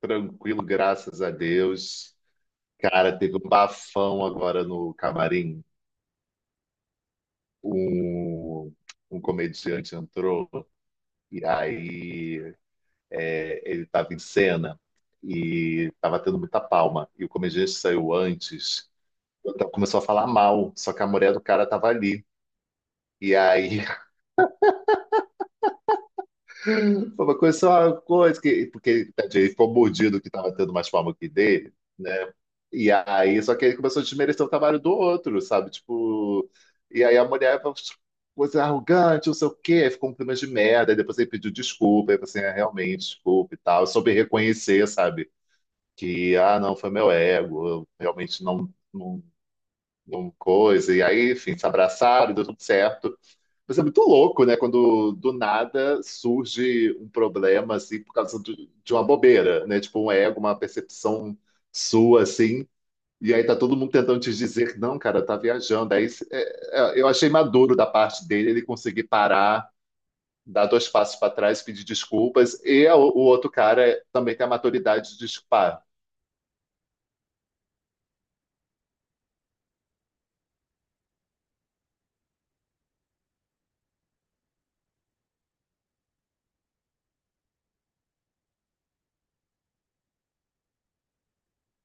Tranquilo, graças a Deus. Cara, teve um bafão agora no camarim. Um, um comediante entrou e aí ele estava em cena e estava tendo muita palma. E o comediante saiu antes, então começou a falar mal, só que a mulher do cara estava ali. E aí foi uma coisa, só uma coisa que, porque tadinho, ele ficou mordido que estava tendo mais palma que dele, né? E aí, só que ele começou a desmerecer o trabalho do outro, sabe? Tipo, e aí a mulher falou, "Tipo, você é arrogante, não sei o quê, ficou um clima de merda." Aí depois ele pediu desculpa, aí eu assim, é, realmente, desculpa e tal. Eu soube reconhecer, sabe? Que, ah, não, foi meu ego, eu realmente não, não coisa. E aí, enfim, se abraçaram, deu tudo certo. Mas é muito louco, né? Quando do nada surge um problema, assim, por causa de uma bobeira, né? Tipo, um ego, uma percepção sua, assim, e aí tá todo mundo tentando te dizer, não, cara, tá viajando. Aí eu achei maduro da parte dele ele conseguir parar, dar dois passos para trás, pedir desculpas. E o outro cara também tem a maturidade de desculpar.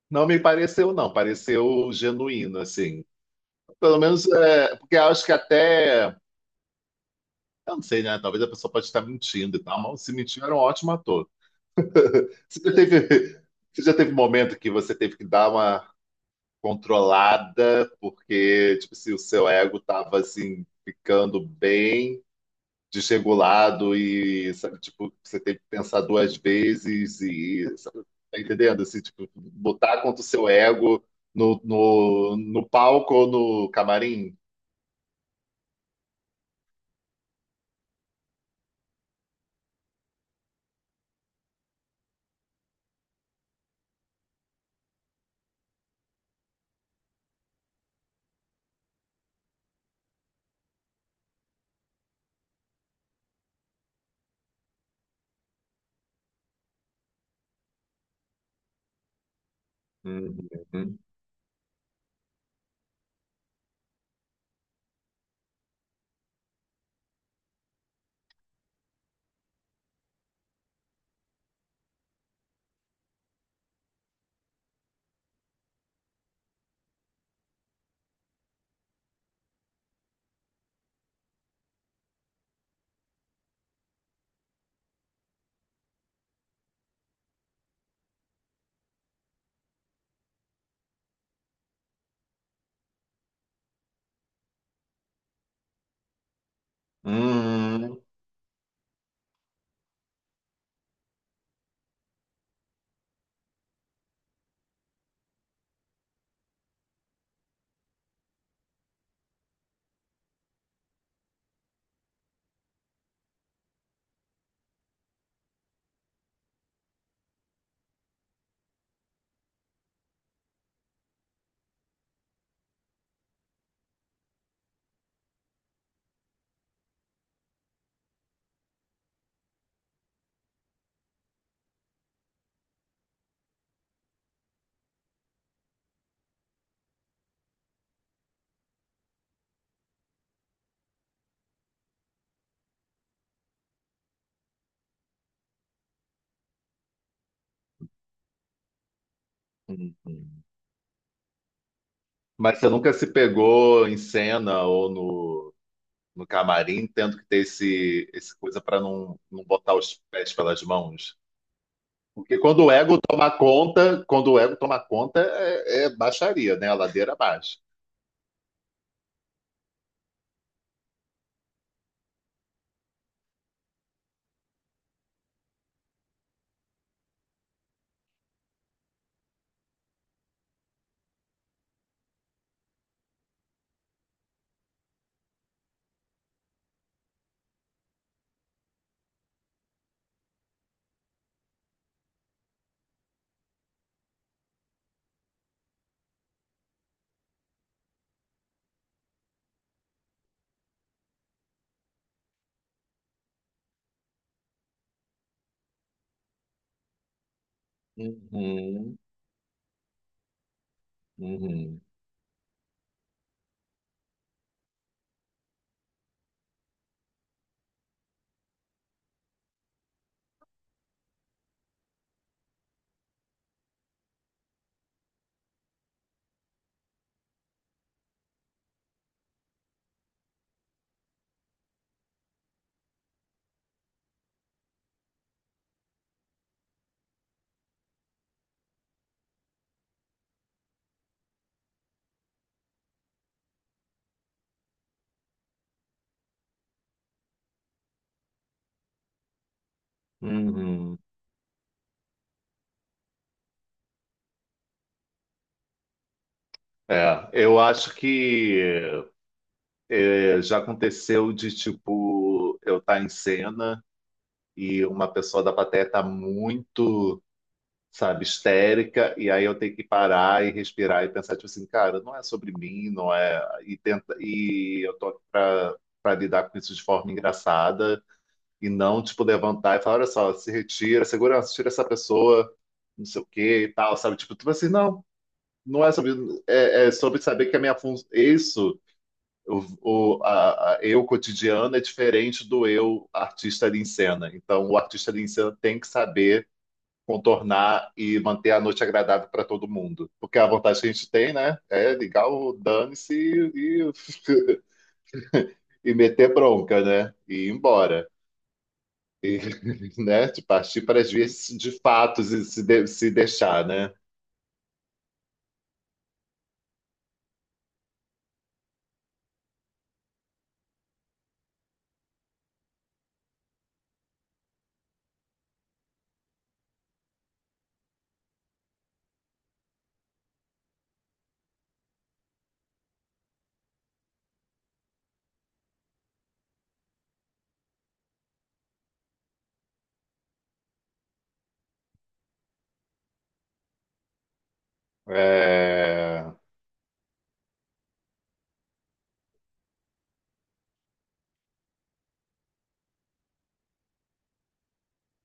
Não me pareceu, não. Pareceu genuíno, assim. Pelo menos, é, porque eu acho que até... Eu não sei, né? Talvez a pessoa pode estar mentindo e tal, mas se mentiu, era um ótimo ator. Você já teve, você já teve momento que você teve que dar uma controlada, porque tipo, se o seu ego tava assim ficando bem desregulado e sabe, tipo, você tem que pensar duas vezes e sabe, tá entendendo? Assim, tipo, botar contra o seu ego no palco ou no camarim. Uhum. Uhum. Uhum. Mas você nunca se pegou em cena ou no camarim, tendo que ter esse coisa para não botar os pés pelas mãos? Porque quando o ego toma conta, quando o ego toma conta, é baixaria, né? A ladeira abaixo. Uhum, uhum, uhum. É, eu acho que já aconteceu de, tipo, eu estar em cena e uma pessoa da plateia tá muito, sabe, histérica, e aí eu tenho que parar e respirar e pensar, tipo assim, cara, não é sobre mim, não é. E, tenta, e eu tô aqui pra lidar com isso de forma engraçada e não, tipo, levantar e falar, olha só, se retira, segurança, tira essa pessoa, não sei o quê e tal, sabe? Tipo assim, não, não é sobre, é sobre saber que a minha função, isso, eu cotidiano é diferente do eu artista ali em cena. Então, o artista ali em cena tem que saber contornar e manter a noite agradável para todo mundo. Porque a vontade que a gente tem, né, é ligar o dane-se e e meter bronca, né, e ir embora. E, né, de partir para as vias de fatos e se, se deixar, né? É...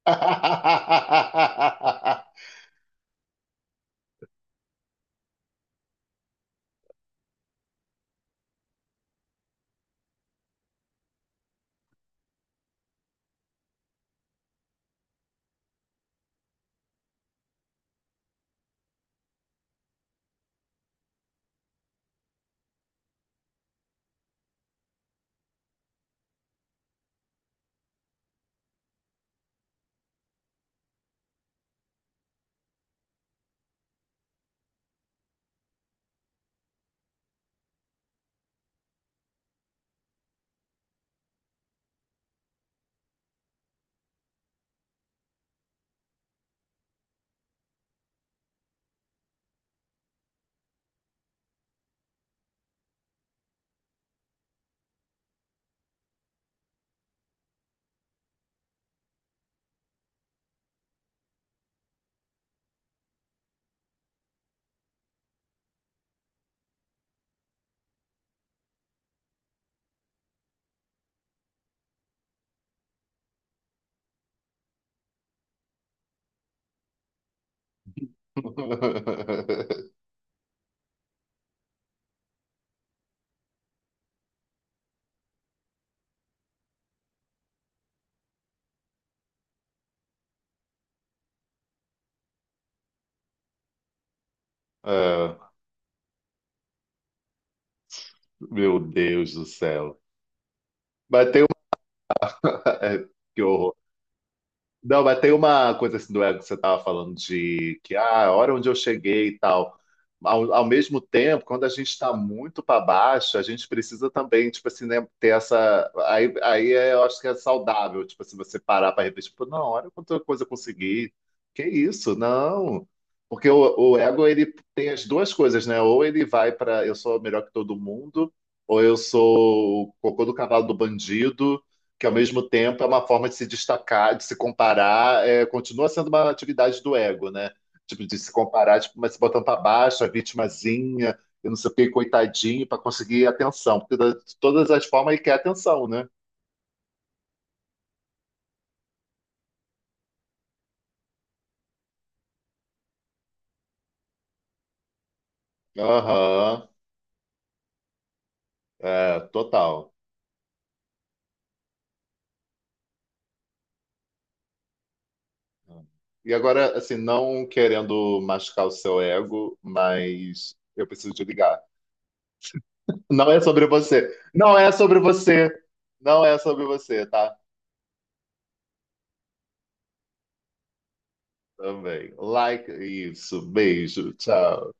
É, meu Deus do céu. Mas tem uma... que horror. Não, mas tem uma coisa assim do ego que você estava falando de que ah, a hora onde eu cheguei e tal. Ao mesmo tempo, quando a gente está muito para baixo, a gente precisa também, tipo assim, né, ter essa. Aí, eu acho que é saudável, tipo assim, você parar para refletir, tipo, não, olha quanta coisa eu consegui. Que isso? Não. Porque o ego, ele tem as duas coisas, né? Ou ele vai para eu sou melhor que todo mundo, ou eu sou o cocô do cavalo do bandido que ao mesmo tempo é uma forma de se destacar, de se comparar, é, continua sendo uma atividade do ego, né? Tipo, de se comparar, tipo, mas se botando para baixo, a vitimazinha, eu não sei o que, coitadinho, para conseguir atenção. Porque de todas as formas ele quer atenção, né? Aham, é, total. E agora, assim, não querendo machucar o seu ego, mas eu preciso te ligar. Não é sobre você. Não é sobre você. Não é sobre você, tá? Também. Like isso. Beijo. Tchau.